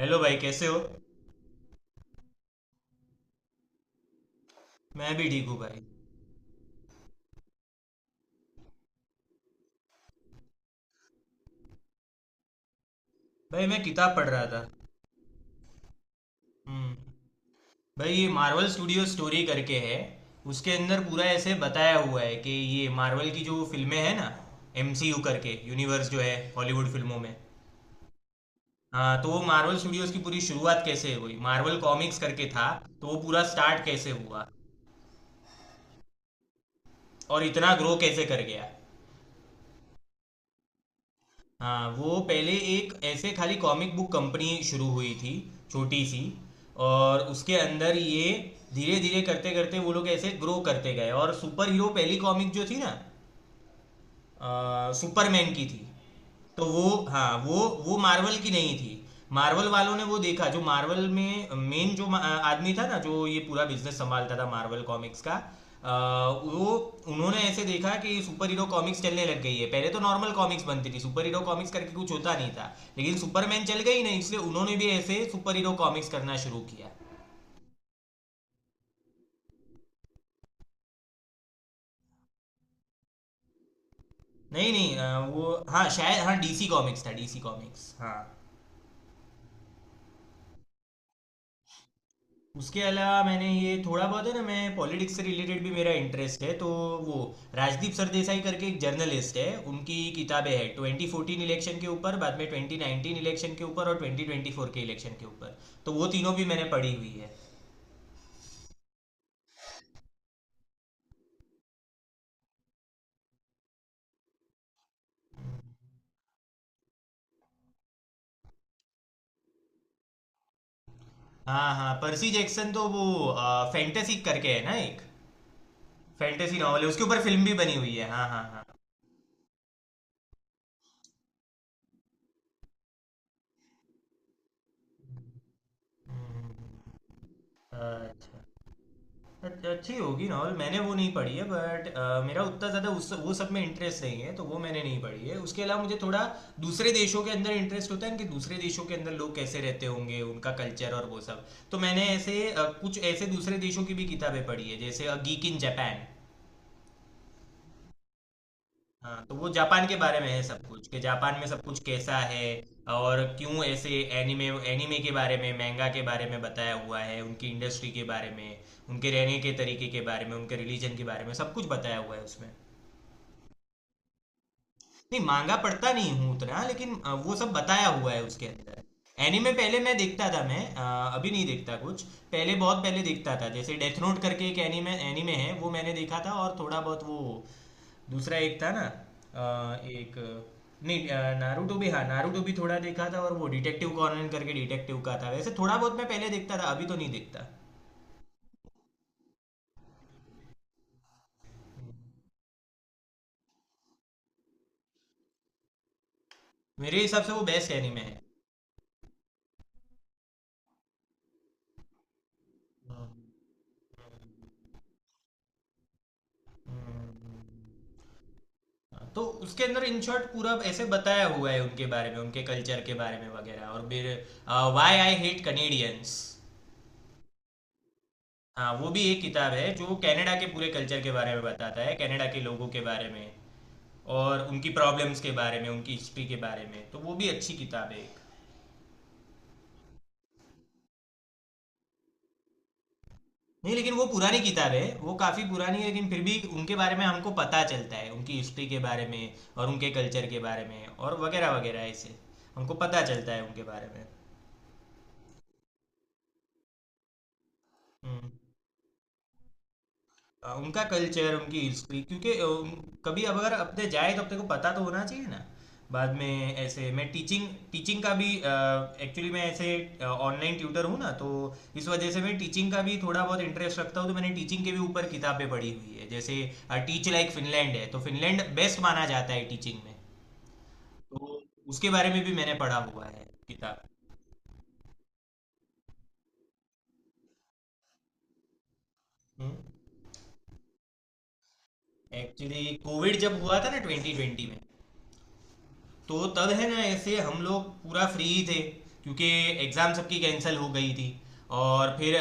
Hello भाई, कैसे हो। मैं भी ठीक हूँ भाई। भाई, मैं किताब पढ़ रहा था। हम्म भाई, ये मार्वल स्टूडियो स्टोरी करके है। उसके अंदर पूरा ऐसे बताया हुआ है कि ये मार्वल की जो फिल्में हैं ना, एमसीयू करके यूनिवर्स जो है हॉलीवुड फिल्मों में। हाँ, तो वो मार्वल स्टूडियोज की पूरी शुरुआत कैसे हुई, मार्वल कॉमिक्स करके था। तो वो पूरा स्टार्ट कैसे हुआ और इतना ग्रो कैसे कर गया। हाँ, वो पहले एक ऐसे खाली कॉमिक बुक कंपनी शुरू हुई थी, छोटी सी। और उसके अंदर ये धीरे धीरे करते करते वो लोग ऐसे ग्रो करते गए। और सुपर हीरो पहली कॉमिक जो थी ना, सुपरमैन की थी। तो वो, हाँ, वो मार्वल की नहीं थी। मार्वल वालों ने वो देखा, जो मार्वल में मेन जो आदमी था ना, जो ये पूरा बिजनेस संभालता था मार्वल कॉमिक्स का। अ, वो उन्होंने ऐसे देखा कि सुपर हीरो कॉमिक्स चलने लग गई है। पहले तो नॉर्मल कॉमिक्स बनती थी, सुपर हीरो कॉमिक्स करके कुछ होता नहीं था। लेकिन सुपरमैन चल गई ना, इसलिए उन्होंने भी ऐसे सुपर हीरो कॉमिक्स करना शुरू किया। नहीं नहीं, वो, हाँ, शायद, हाँ, डीसी कॉमिक्स था, डीसी कॉमिक्स, हाँ। उसके अलावा मैंने ये थोड़ा बहुत है ना, मैं पॉलिटिक्स से रिलेटेड भी मेरा इंटरेस्ट है। तो वो, राजदीप सरदेसाई करके एक जर्नलिस्ट है, उनकी किताबें हैं 2014 इलेक्शन के ऊपर, बाद में 2019 इलेक्शन के ऊपर और 2024 के इलेक्शन के ऊपर। तो वो तीनों भी मैंने पढ़ी हुई है। हाँ हाँ, पर्सी जैक्सन, तो वो फैंटेसी करके है ना, एक फैंटेसी नॉवल है। उसके ऊपर फिल्म भी बनी हुई है, हाँ हाँ हाँ। हम्म, अच्छा, अच्छी होगी नॉवल, मैंने वो नहीं पढ़ी है। बट मेरा उतना ज़्यादा उस वो सब में इंटरेस्ट नहीं है, तो वो मैंने नहीं पढ़ी है। उसके अलावा मुझे थोड़ा दूसरे देशों के अंदर इंटरेस्ट होता है कि दूसरे देशों के अंदर लोग कैसे रहते होंगे, उनका कल्चर और वो सब। तो मैंने ऐसे कुछ ऐसे दूसरे देशों की भी किताबें पढ़ी है, जैसे अ गीक इन जापान। हाँ, तो वो जापान के बारे में है सब कुछ, कि जापान में सब कुछ कैसा है और क्यों ऐसे। एनिमे, एनिमे के बारे में, manga के बारे में बताया हुआ है, उनकी इंडस्ट्री के बारे में, उनके रहने के तरीके के बारे में, उनके रिलीजन के बारे में सब कुछ बताया हुआ है उसमें। नहीं, मांगा पढ़ता नहीं हूँ उतना, लेकिन वो सब बताया हुआ है उसके अंदर। एनिमे पहले मैं देखता था, मैं अभी नहीं देखता कुछ। पहले बहुत पहले देखता था, जैसे डेथ नोट करके एक एनिमे, एनिमे है, वो मैंने देखा था। और थोड़ा बहुत वो दूसरा एक था ना, एक। नहीं, नारुतो भी, हाँ, नारुतो भी थोड़ा देखा था। और वो डिटेक्टिव कॉनन करके डिटेक्टिव का था, वैसे थोड़ा बहुत मैं पहले देखता था, अभी तो नहीं देखता। मेरे हिसाब से वो बेस्ट एनिमे है। हम्म, तो उसके अंदर इन शॉर्ट पूरा ऐसे बताया हुआ है उनके बारे में, उनके कल्चर के बारे में वगैरह। और फिर, वाई आई हेट कनेडियंस। हाँ, वो भी एक किताब है जो कनाडा के पूरे कल्चर के बारे में बताता है, कनाडा के लोगों के बारे में और उनकी प्रॉब्लम्स के बारे में, उनकी हिस्ट्री के बारे में। तो वो भी अच्छी किताब है। नहीं, लेकिन वो पुरानी किताब है, वो काफ़ी पुरानी है। लेकिन फिर भी उनके बारे में हमको पता चलता है, उनकी हिस्ट्री के बारे में और उनके कल्चर के बारे में, और वगैरह वगैरह, ऐसे हमको पता चलता है उनके बारे में। हम्म। उनका कल्चर, उनकी हिस्ट्री, क्योंकि कभी अब अगर अपने जाए तो अपने को पता तो होना चाहिए ना। बाद में ऐसे मैं टीचिंग, टीचिंग का भी, एक्चुअली मैं ऐसे ऑनलाइन ट्यूटर हूँ ना, तो इस वजह से मैं टीचिंग का भी थोड़ा बहुत इंटरेस्ट रखता हूँ। तो मैंने टीचिंग के भी ऊपर किताबें पढ़ी हुई है, जैसे टीच लाइक फिनलैंड है। तो फिनलैंड बेस्ट माना जाता है टीचिंग में। तो उसके बारे में भी मैंने पढ़ा हुआ है किताब। एक्चुअली कोविड जब हुआ था ना, 2020 में, तो तब है ना ऐसे हम लोग पूरा फ्री ही थे, क्योंकि एग्ज़ाम सबकी कैंसिल हो गई थी। और फिर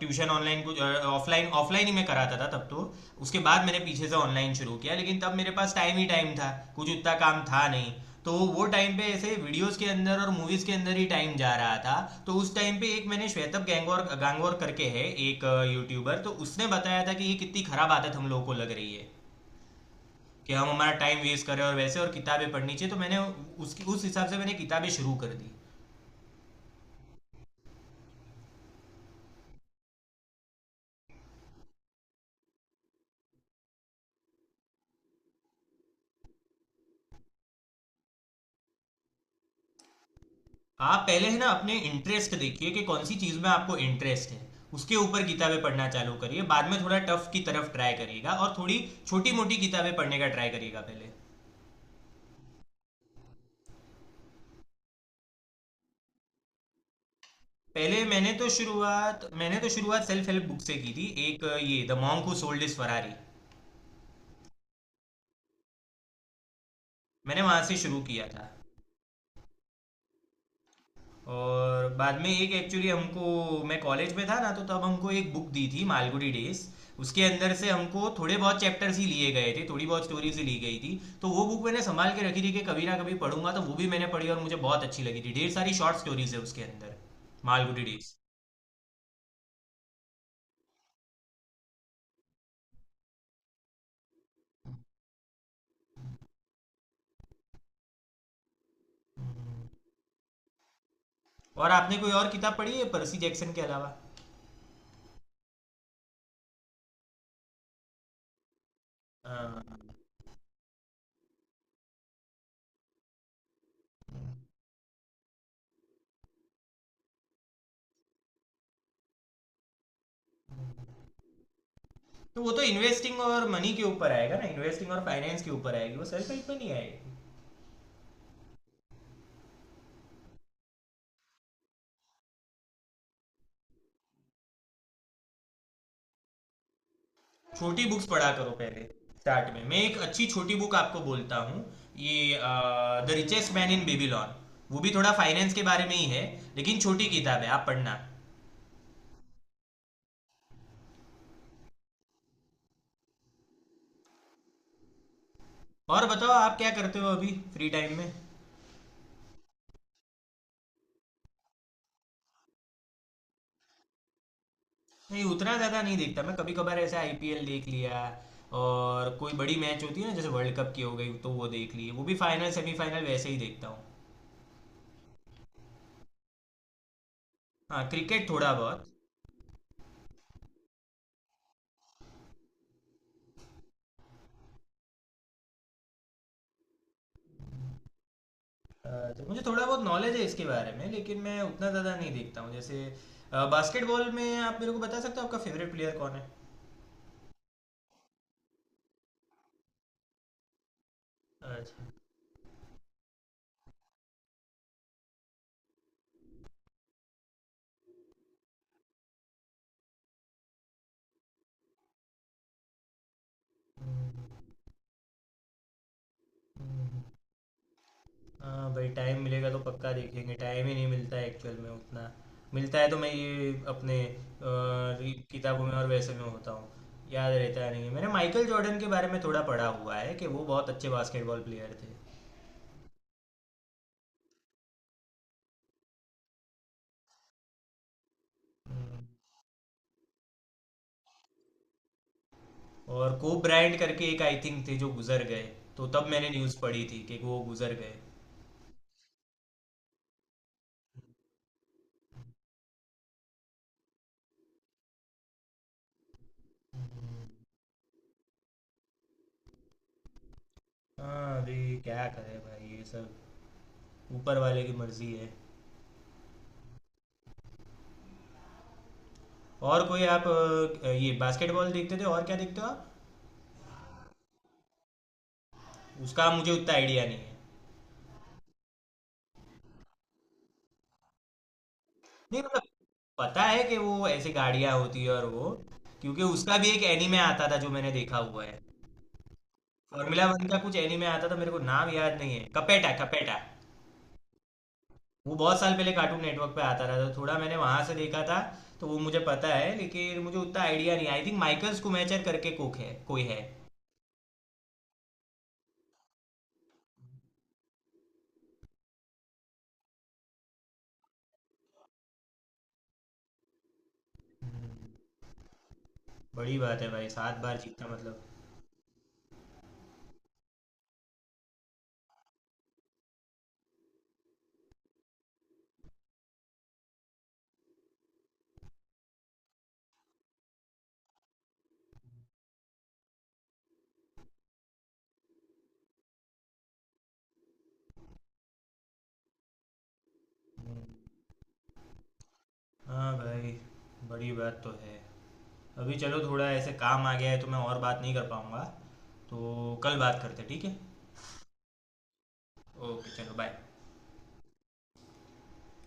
ट्यूशन ऑनलाइन, कुछ ऑफलाइन, ऑफलाइन ही मैं कराता था तब तो। उसके बाद मैंने पीछे से ऑनलाइन शुरू किया, लेकिन तब मेरे पास टाइम ही टाइम था, कुछ उतना काम था नहीं। तो वो टाइम पे ऐसे वीडियोस के अंदर और मूवीज के अंदर ही टाइम जा रहा था। तो उस टाइम पे एक मैंने श्वेतब गैंगोर, गांगोर करके है एक यूट्यूबर, तो उसने बताया था कि ये कितनी खराब आदत हम लोगों को लग रही है कि हम हमारा टाइम वेस्ट करें, और वैसे और किताबें पढ़नी चाहिए। तो मैंने उसकी, उस हिसाब से मैंने किताबें शुरू कर दी। आप पहले है ना अपने इंटरेस्ट देखिए कि कौन सी चीज़ में आपको इंटरेस्ट है, उसके ऊपर किताबें पढ़ना चालू करिए। बाद में थोड़ा टफ की तरफ ट्राई करिएगा, और थोड़ी छोटी मोटी किताबें पढ़ने का ट्राई करिएगा पहले। पहले मैंने तो शुरुआत सेल्फ हेल्प बुक से की थी, एक ये the monk who sold his Ferrari. मैंने वहाँ से शुरू किया था। और बाद में एक, एक्चुअली हमको, मैं कॉलेज में था ना, तो तब हमको एक बुक दी थी, मालगुडी डेज। उसके अंदर से हमको थोड़े बहुत चैप्टर्स ही लिए गए थे, थोड़ी बहुत स्टोरीज ही ली गई थी। तो वो बुक मैंने संभाल के रखी थी कि कभी ना कभी पढ़ूंगा, तो वो भी मैंने पढ़ी और मुझे बहुत अच्छी लगी थी। ढेर सारी शॉर्ट स्टोरीज है उसके अंदर, मालगुडी डेज। और आपने कोई और किताब पढ़ी है पर्सी जैक्सन के अलावा? हाँ। तो वो तो इन्वेस्टिंग और मनी के ऊपर आएगा ना, इन्वेस्टिंग और फाइनेंस के ऊपर आएगी, वो सेल्फ हेल्प में नहीं आएगी। छोटी बुक्स पढ़ा करो पहले। स्टार्ट में मैं एक अच्छी छोटी बुक आपको बोलता हूँ, ये the richest man in Babylon. वो भी थोड़ा फाइनेंस के बारे में ही है, लेकिन छोटी किताब है, आप पढ़ना। और बताओ, आप क्या करते हो अभी फ्री टाइम में? नहीं, उतना ज़्यादा नहीं देखता मैं, कभी कभार ऐसे आईपीएल देख लिया। और कोई बड़ी मैच होती है ना, जैसे वर्ल्ड कप की हो गई तो वो देख ली, वो भी फाइनल सेमीफाइनल वैसे ही देखता हूँ। हाँ, क्रिकेट थोड़ा बहुत। अच्छा, मुझे थोड़ा बहुत नॉलेज है इसके बारे में, लेकिन मैं उतना ज़्यादा नहीं देखता हूँ। जैसे बास्केटबॉल में, आप मेरे को बता सकते हो आपका फेवरेट प्लेयर कौन है? अच्छा। हम्म, हाँ भाई, टाइम मिलेगा तो पक्का देखेंगे। टाइम ही नहीं मिलता है एक्चुअल में उतना। मिलता है तो मैं ये अपने किताबों में और वैसे में होता हूँ, याद रहता नहीं है। मैंने माइकल जॉर्डन के बारे में थोड़ा पढ़ा हुआ है कि वो बहुत अच्छे बास्केटबॉल प्लेयर थे। हम्म, और कोब ब्रायंट करके एक, आई थिंक, थे जो गुजर गए, तो तब मैंने न्यूज़ पढ़ी थी कि वो गुजर गए। हाँ, अभी क्या करें भाई, ये सब ऊपर वाले की मर्जी है। और कोई आप ये बास्केटबॉल देखते थे, और क्या देखते हो आप? उसका मुझे उतना आइडिया नहीं है। नहीं, मतलब पता है कि वो ऐसी गाड़ियाँ होती है, और वो, क्योंकि उसका भी एक एनीमे आता था जो मैंने देखा हुआ है। फॉर्मूला वन का कुछ एनीमे आता था, मेरे को नाम याद नहीं है, कपेटा कपेटा। वो बहुत साल पहले कार्टून नेटवर्क पे आता था, तो थोड़ा मैंने वहां से देखा था। तो वो मुझे पता है, लेकिन मुझे उतना आइडिया नहीं। आई थिंक माइकल स्कूमेचर करके कोक है, कोई है। बड़ी बात है भाई, 7 बार जीतना मतलब। हाँ भाई, बड़ी बात तो है। अभी चलो, थोड़ा ऐसे काम आ गया है, तो मैं और बात नहीं कर पाऊँगा, तो कल बात करते हैं, ठीक है। ओके, चलो बाय।